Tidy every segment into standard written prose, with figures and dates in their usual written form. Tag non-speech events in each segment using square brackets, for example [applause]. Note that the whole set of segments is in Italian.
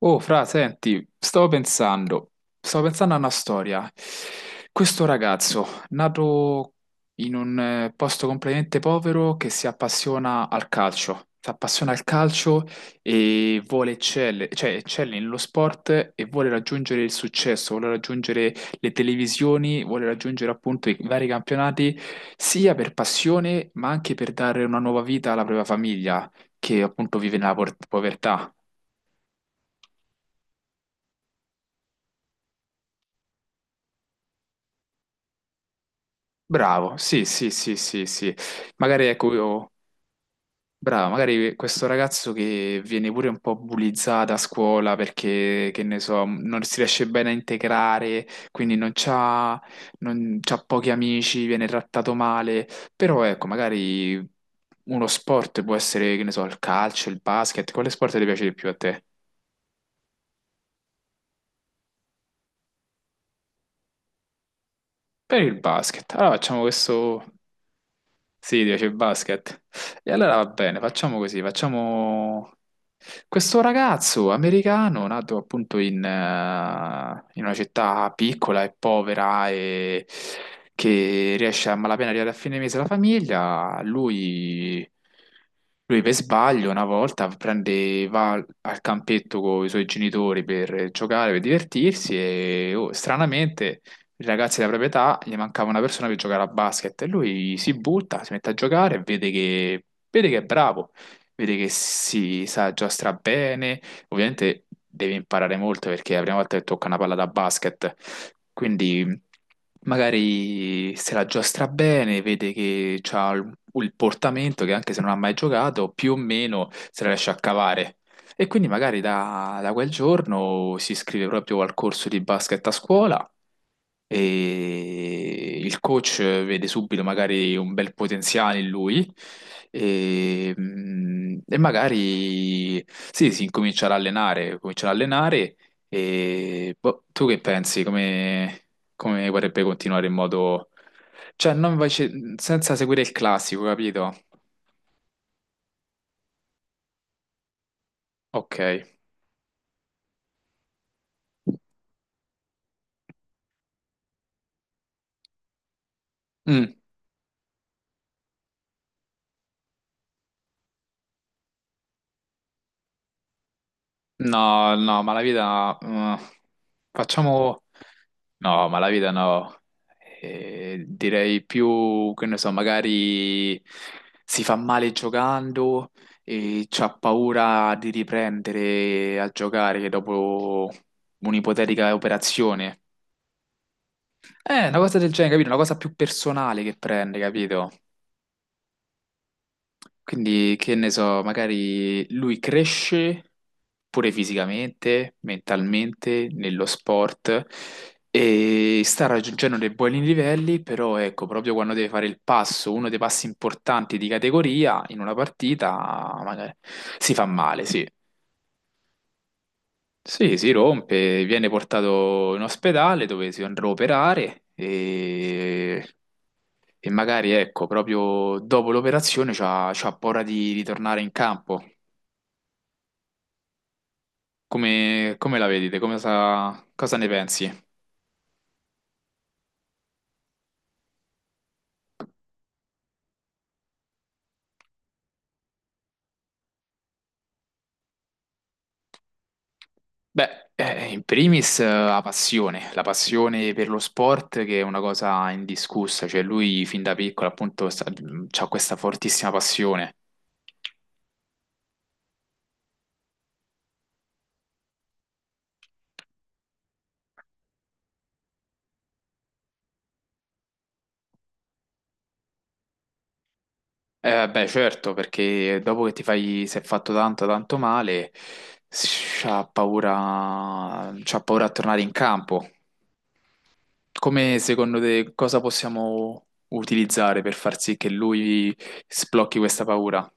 Oh, fra, senti, stavo pensando a una storia. Questo ragazzo, nato in un posto completamente povero, che si appassiona al calcio, si appassiona al calcio e vuole eccelle, cioè eccelle nello sport e vuole raggiungere il successo, vuole raggiungere le televisioni, vuole raggiungere appunto i vari campionati, sia per passione, ma anche per dare una nuova vita alla propria famiglia, che appunto vive nella povertà. Bravo, sì, sì, sì, sì, sì. Magari ecco, io, bravo, magari questo ragazzo che viene pure un po' bullizzato a scuola perché, che ne so, non si riesce bene a integrare, quindi non c'ha pochi amici, viene trattato male, però ecco, magari uno sport può essere, che ne so, il calcio, il basket, quale sport ti piace di più a te? Per il basket. Allora facciamo questo. Sì, ti piace il basket. E allora va bene, facciamo così, facciamo questo ragazzo americano nato appunto in, in una città piccola e povera e che riesce a malapena arrivare a fine mese la famiglia, lui per sbaglio una volta prende, va al al campetto con i suoi genitori per giocare, per divertirsi e oh, stranamente i ragazzi della propria età, gli mancava una persona per giocare a basket e lui si butta, si mette a giocare e vede che è bravo, vede che si sa giostra bene, ovviamente deve imparare molto perché è la prima volta che tocca una palla da basket, quindi magari se la giostra bene, vede che ha il portamento che anche se non ha mai giocato, più o meno se la riesce a cavare. E quindi magari da, da quel giorno si iscrive proprio al corso di basket a scuola e il coach vede subito magari un bel potenziale in lui e, e magari sì, si incomincia ad allenare, comincia ad allenare e boh, tu che pensi? Come, come vorrebbe continuare in modo... Cioè, non invece- senza seguire il classico, capito? Ok. Mm. No, no, ma la vita no. Facciamo... No, ma la vita no. Direi più, che ne so, magari si fa male giocando e c'ha paura di riprendere a giocare dopo un'ipotetica operazione. Una cosa del genere, capito? Una cosa più personale che prende, capito? Quindi, che ne so, magari lui cresce pure fisicamente, mentalmente, nello sport e sta raggiungendo dei buoni livelli, però ecco, proprio quando deve fare il passo, uno dei passi importanti di categoria in una partita, magari si fa male, sì. Sì, si rompe, viene portato in ospedale dove si andrà a operare e magari, ecco, proprio dopo l'operazione c'ha paura di ritornare in campo. Come, come la vedete? Come sa- cosa ne pensi? Beh, in primis la passione per lo sport che è una cosa indiscussa, cioè lui fin da piccolo appunto ha questa fortissima passione. Beh, certo, perché dopo che ti fai, si è fatto tanto, tanto male, c'ha paura a tornare in campo. Come secondo te cosa possiamo utilizzare per far sì che lui sblocchi questa paura?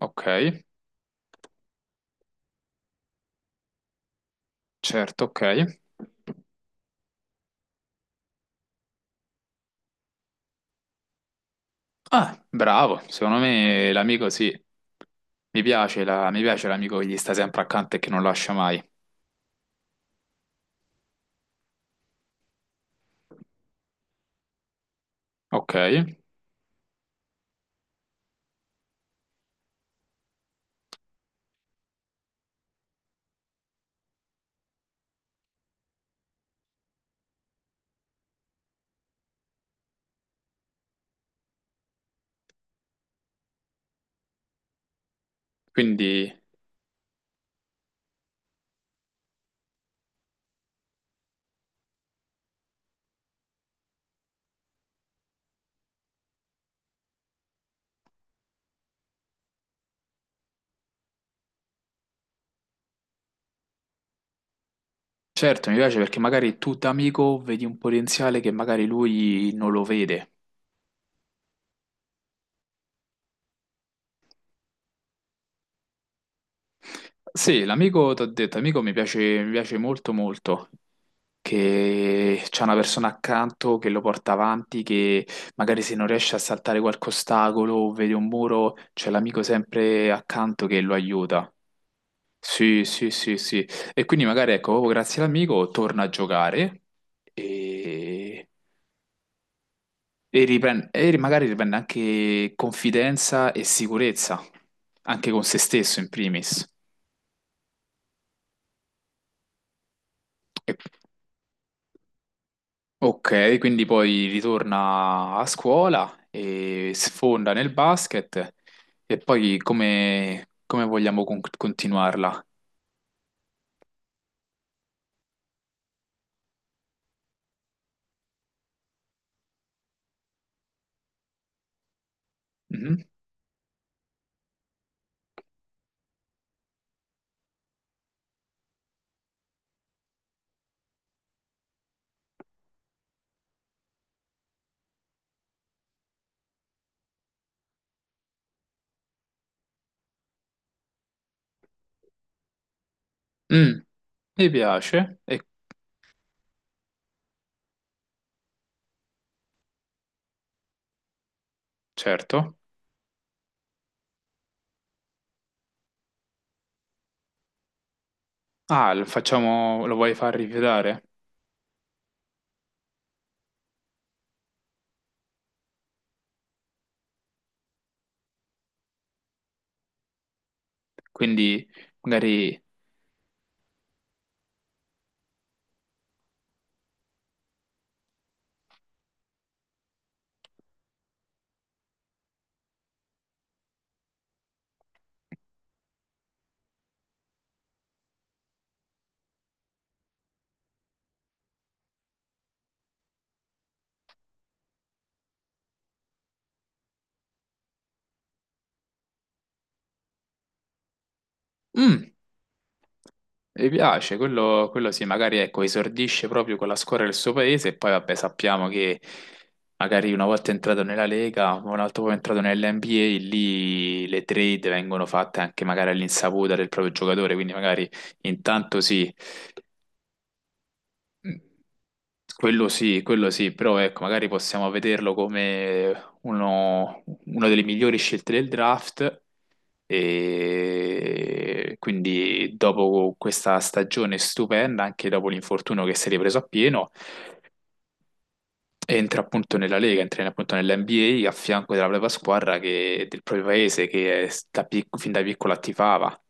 Ok. Certo, ok. Ah, bravo, secondo me l'amico sì. Mi piace l'amico che gli sta sempre accanto e che non lascia mai. Ok, quindi certo mi piace perché magari tu da amico vedi un potenziale che magari lui non lo vede. Sì, l'amico, ti ho detto, amico mi piace molto molto, che c'è una persona accanto che lo porta avanti, che magari se non riesce a saltare qualche ostacolo o vede un muro, c'è l'amico sempre accanto che lo aiuta. Sì, sì, sì, sì. E quindi magari ecco, proprio grazie all'amico torna a giocare e, e riprende, magari riprende anche confidenza e sicurezza, anche con se stesso in primis. E- Ok, quindi poi ritorna a scuola e sfonda nel basket e poi come, continuarla? Mhm. Mm, mi piace, e certo. Ah, lo facciamo, lo vuoi far rifiutare? Quindi magari... Mm, mi piace, quello sì, magari ecco, esordisce proprio con la squadra del suo paese e poi vabbè sappiamo che magari una volta entrato nella Lega, un altro po' entrato nell'NBA, lì le trade vengono fatte anche magari all'insaputa del proprio giocatore, quindi magari intanto sì. Mm, quello sì, però ecco, magari possiamo vederlo come una delle migliori scelte del draft e quindi dopo questa stagione stupenda, anche dopo l'infortunio che si è ripreso a pieno, entra appunto nella Lega, entra appunto nell'NBA a a fianco della propria squadra del proprio paese che è- da pic- fin da piccola attivava.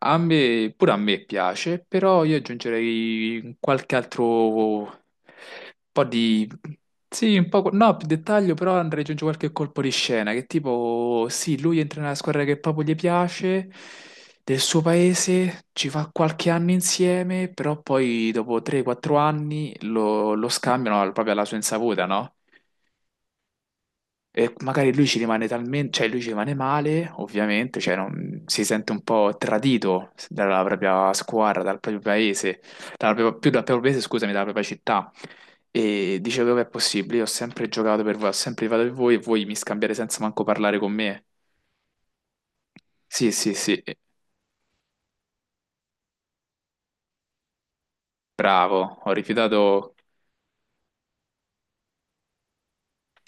A me, pure a me piace, però io aggiungerei qualche altro po' di... Sì, un po'... No, più dettaglio, però andrei ad aggiungere qualche colpo di scena, che tipo, sì, lui entra nella squadra che proprio gli piace, del suo paese, ci fa qualche anno insieme, però poi dopo 3-4 anni lo, proprio alla sua insaputa, no? E magari lui ci rimane talmente, cioè lui ci rimane male, ovviamente, si sente un po' tradito dalla propria squadra, dal proprio paese, più dal proprio paese, scusami, dalla propria città. E dice, come è possibile? Io ho sempre giocato per voi, ho sempre rifiutato per voi e voi mi scambiate senza manco parlare con me. Sì, sì, sì, bravo, ho rifiutato...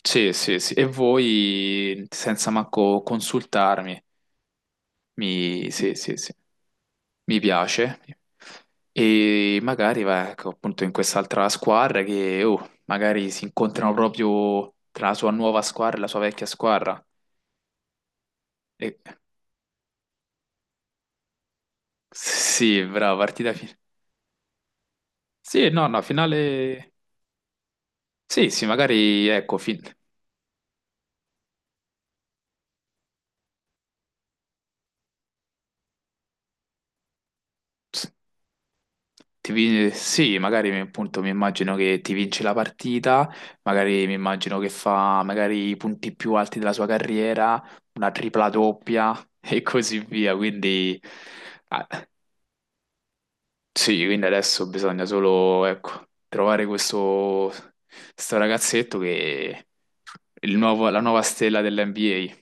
Sì, sì, sì. E voi senza manco consultarmi. Mi... Sì, sì, sì. Mi piace. E magari, va, ecco, appunto in quest'altra squadra che, oh, magari si incontrano proprio tra la sua nuova squadra e la sua vecchia squadra. E- sì, brava, partita finale. Sì, no, no, finale... Sì, sì, magari, ecco, sì, magari appunto mi immagino che ti vince la partita, magari mi immagino che fa magari i punti più alti della sua carriera, una tripla doppia [laughs] e così via, quindi... Ah, sì, quindi adesso bisogna solo, ecco, trovare questo, sto ragazzetto che è la nuova stella dell'NBA.